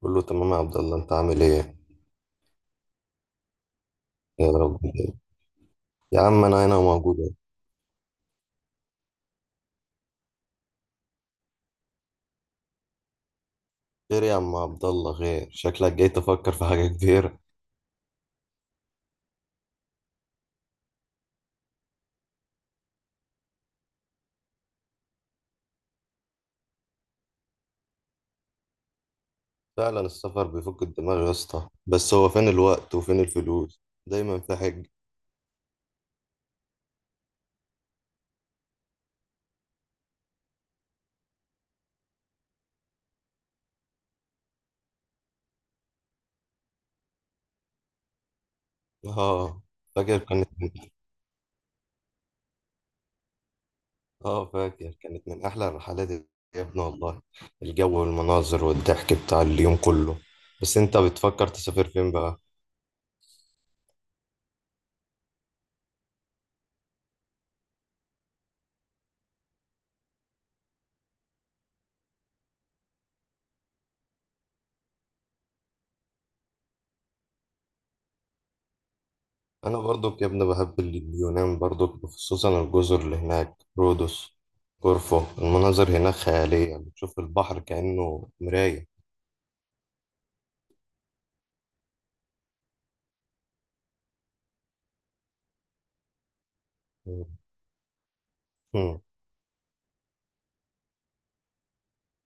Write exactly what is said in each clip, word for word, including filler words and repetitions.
بقول له تمام يا عبد الله، انت عامل ايه؟ يا رب خير. يا عم انا هنا موجود اهو. خير يا عم عبد الله، خير، شكلك جاي تفكر في حاجه كبيره. فعلا السفر بيفك الدماغ يا اسطى، بس هو فين الوقت وفين الفلوس؟ دايما في حج. اه، فاكر كانت. اه فاكر كانت من احلى الرحلات، يا ابني والله. الجو والمناظر والضحك بتاع اليوم كله. بس انت بتفكر تسافر فين بقى؟ انا برضك يا ابني بحب اليونان برضك، خصوصا الجزر اللي هناك، رودوس، كورفو. المناظر هناك خيالية، بتشوف البحر كأنه مراية. مم. مم.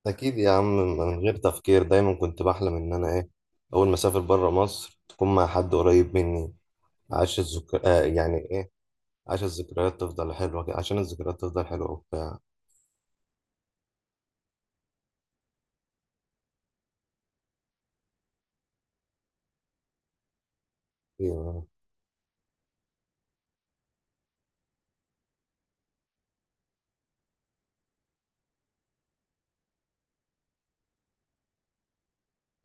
اكيد يا عم، من غير تفكير دايما كنت بحلم ان انا ايه، اول ما اسافر بره مصر تكون مع حد قريب مني. عاش الذكر، آه يعني ايه، عاش الذكريات تفضل حلوة عشان الذكريات تفضل حلوة وبتاع. أيوة.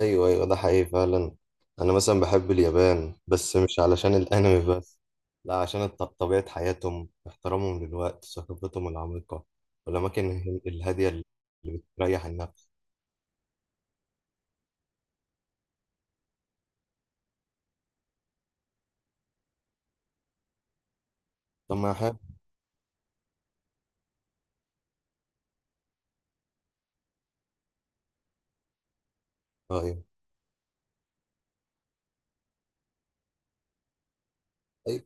ايوه ايوه، ده حقيقي فعلا. انا مثلا بحب اليابان، بس مش علشان الانمي بس. لا، عشان الط- طبيعة حياتهم، احترامهم للوقت، ثقافتهم العميقة، والاماكن اله- الهادية اللي بتريح النفس. طب ما حاجة. ايوه. أي-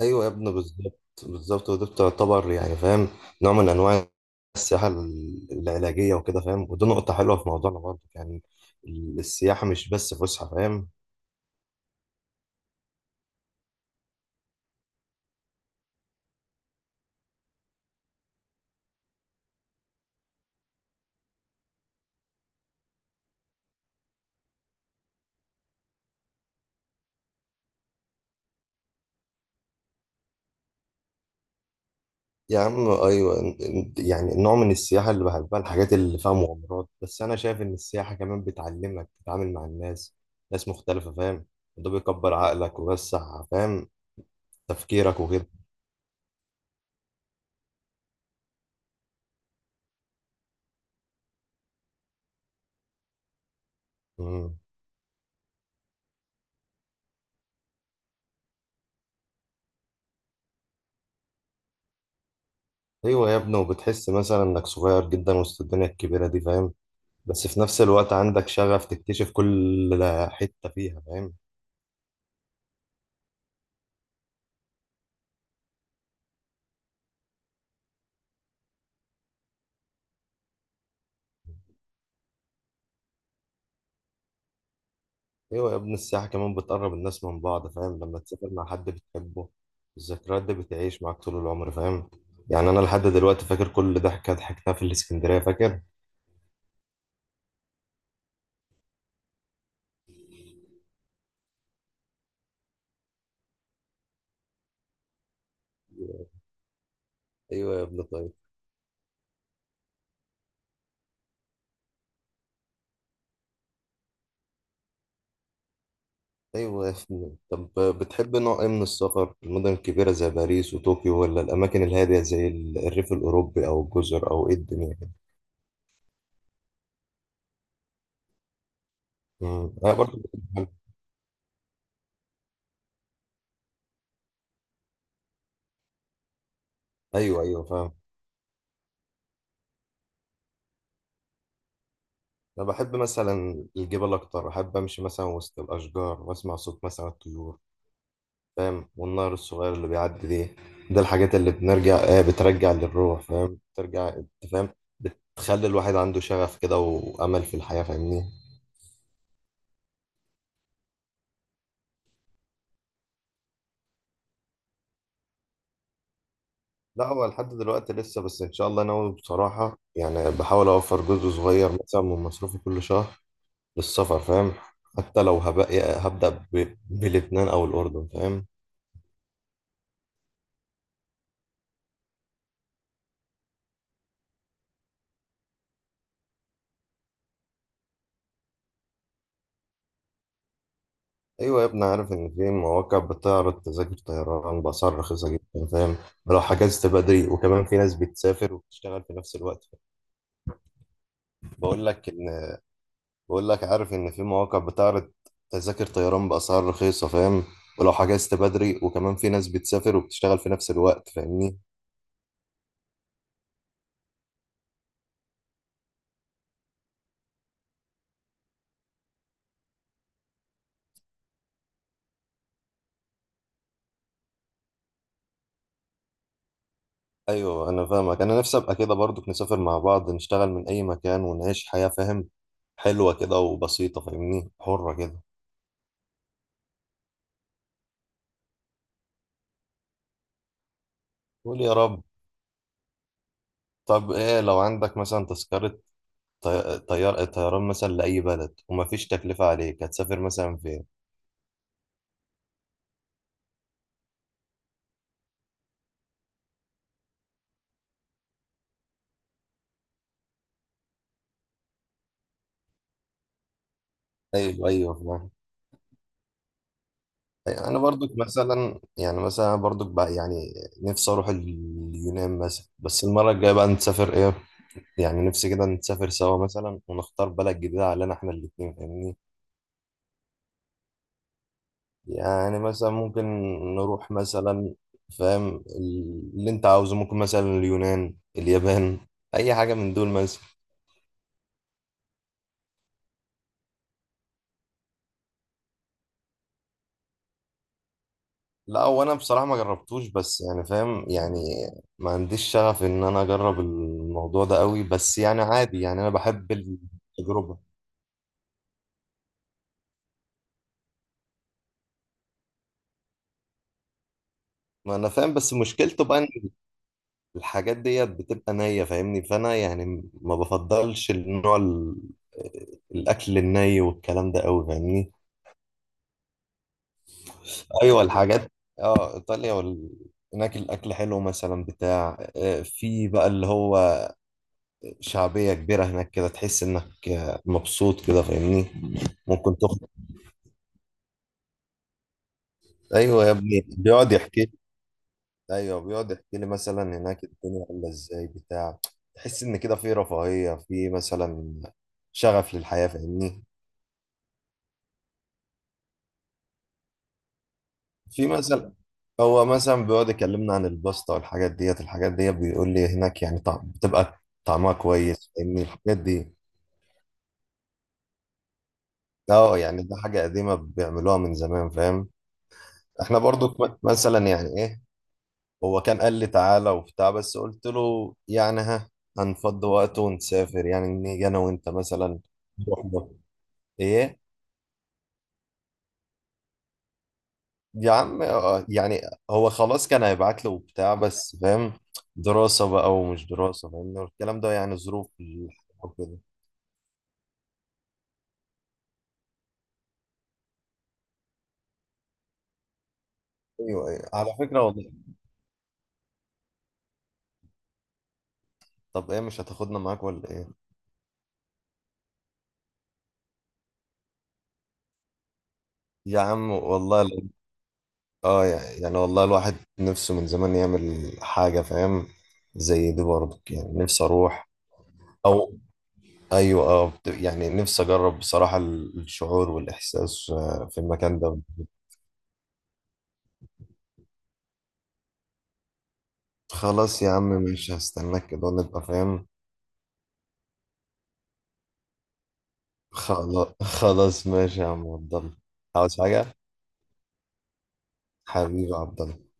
ايوه يا ابني، بالظبط. بالظبط، وده بتعتبر يعني فاهم، نوع من انواع السياحة ال- العلاجية وكده فاهم، ودي نقطة حلوة في موضوعنا برضه يعني. ال- السياحة مش بس فسحة فاهم. يا عم ايوه، ن- ن- يعني النوع من السياحه اللي بحبها، الحاجات اللي فيها مغامرات، بس انا شايف ان السياحه كمان بتعلمك تتعامل مع الناس، ناس مختلفه فاهم. ده بيكبر عقلك ويوسع فاهم تفكيرك وكده. مم. ايوه يا ابني، وبتحس مثلا انك صغير جدا وسط الدنيا الكبيره دي فاهم، بس في نفس الوقت عندك شغف تكتشف كل حته فيها فاهم. ايوه يا ابني، السياحه كمان بتقرب الناس من بعض فاهم، لما تسافر مع حد بتحبه، الذكريات دي بتعيش معاك طول العمر فاهم. يعني انا لحد دلوقتي فاكر كل ضحكه ضحكتها في الاسكندريه فاكر. ايوه يا ابني، طيب. ايوه يا ابني، طب بتحب نوع ايه من السفر، المدن الكبيره زي باريس وطوكيو، ولا الاماكن الهاديه زي ال- الريف الاوروبي او الجزر، او ايه الدنيا كده؟ أمم، انا برضه بحب- ايوه ايوه فاهم. انا بحب مثلا الجبال اكتر، احب امشي مثلا وسط الاشجار واسمع صوت مثلا الطيور فاهم، والنهر الصغير اللي بيعدي دي، ده الحاجات اللي بنرجع آه بترجع للروح فاهم، بترجع انت فاهم، بتخلي الواحد عنده شغف كده وأمل في الحياة فاهمني. لا، هو لحد دلوقتي لسه، بس إن شاء الله ناوي بصراحة، يعني بحاول أوفر جزء صغير مثلا من مصروفي كل شهر للسفر فاهم. حتى لو هبقى هبدأ ب- بلبنان أو الأردن فاهم. أيوة يا ابني، عارف إن في مواقع بتعرض تذاكر طيران بأسعار رخيصة جدا فاهم، لو حجزت بدري، وكمان في ناس بتسافر وبتشتغل في نفس الوقت. بقول لك ان بقول لك، عارف ان في مواقع بتعرض تذاكر طيران باسعار رخيصه فاهم، ولو حجزت بدري، وكمان في ناس بتسافر وبتشتغل في نفس الوقت فاهمني. ايوه انا فاهمك، انا نفسي ابقى كده برضو، نسافر مع بعض، نشتغل من اي مكان، ونعيش حياه فاهم، حلوه كده وبسيطه فاهمني، حره كده. قول يا رب. طب ايه لو عندك مثلا تذكره طي- طيار طيران مثلا لاي بلد، ومفيش تكلفه عليك، هتسافر مثلا فين؟ ايوه ايوه فاهم. انا برضك مثلا يعني، مثلا برضك بقى يعني، نفسي اروح اليونان مثلا، بس المره الجايه بقى نسافر ايه، يعني نفسي كده نسافر سوا مثلا، ونختار بلد جديده علينا احنا الاتنين فاهمني. يعني مثلا ممكن نروح مثلا فاهم، اللي انت عاوزه، ممكن مثلا اليونان، اليابان، اي حاجه من دول مثلا. لا، هو انا بصراحه ما جربتوش، بس يعني فاهم يعني، ما عنديش شغف ان انا اجرب الموضوع ده قوي، بس يعني عادي، يعني انا بحب التجربه. ما انا فاهم، بس مشكلته بقى ان الحاجات ديت بتبقى نية فاهمني، فانا يعني ما بفضلش النوع ال- الاكل الني والكلام ده قوي فاهمني. ايوه الحاجات. اه ايطاليا وال... هناك الاكل حلو مثلا بتاع، آه، في بقى اللي هو شعبية كبيرة هناك كده، تحس انك آه، مبسوط كده فاهمني. ممكن تخرج. ايوه يا ابني، بيقعد يحكي. ايوه بيقعد يحكي لي مثلا هناك الدنيا عامله ازاي بتاع، تحس ان كده في رفاهيه في مثلا شغف للحياه فاهمني. في مثلا، هو مثلا بيقعد يكلمنا عن الباستا والحاجات ديت، الحاجات ديت بيقول لي هناك يعني طعم بتبقى طعمها كويس فاهمني الحاجات دي. اه يعني ده حاجه قديمه بيعملوها من زمان فاهم. احنا برضو كم- مثلا يعني ايه، هو كان قال لي تعالى وبتاع، بس قلت له يعني ها هنفضي وقت ونسافر، يعني نيجي انا وانت مثلا نروح ده. ايه. يا عم آه، يعني هو خلاص كان هيبعت له وبتاع، بس فاهم، دراسة بقى ومش دراسة فاهم الكلام ده، يعني ظروف الحياة وكده. ايوه ايوه، على فكرة والله. طب ايه، مش هتاخدنا معاك ولا ايه؟ يا عم والله ال- اه يع- يعني والله الواحد نفسه من زمان يعمل حاجة فاهم، زي دي برضه يعني نفسي اروح. او ايوه، اه، بت- يعني نفسي اجرب بصراحة ال- الشعور والاحساس آه، في المكان ده. خلاص يا عم ماشي، هستناك كده ونبقى فاهم. خلاص خلاص ماشي يا عم عبد الله، عاوز حاجة؟ حبيبي يا عبد الله.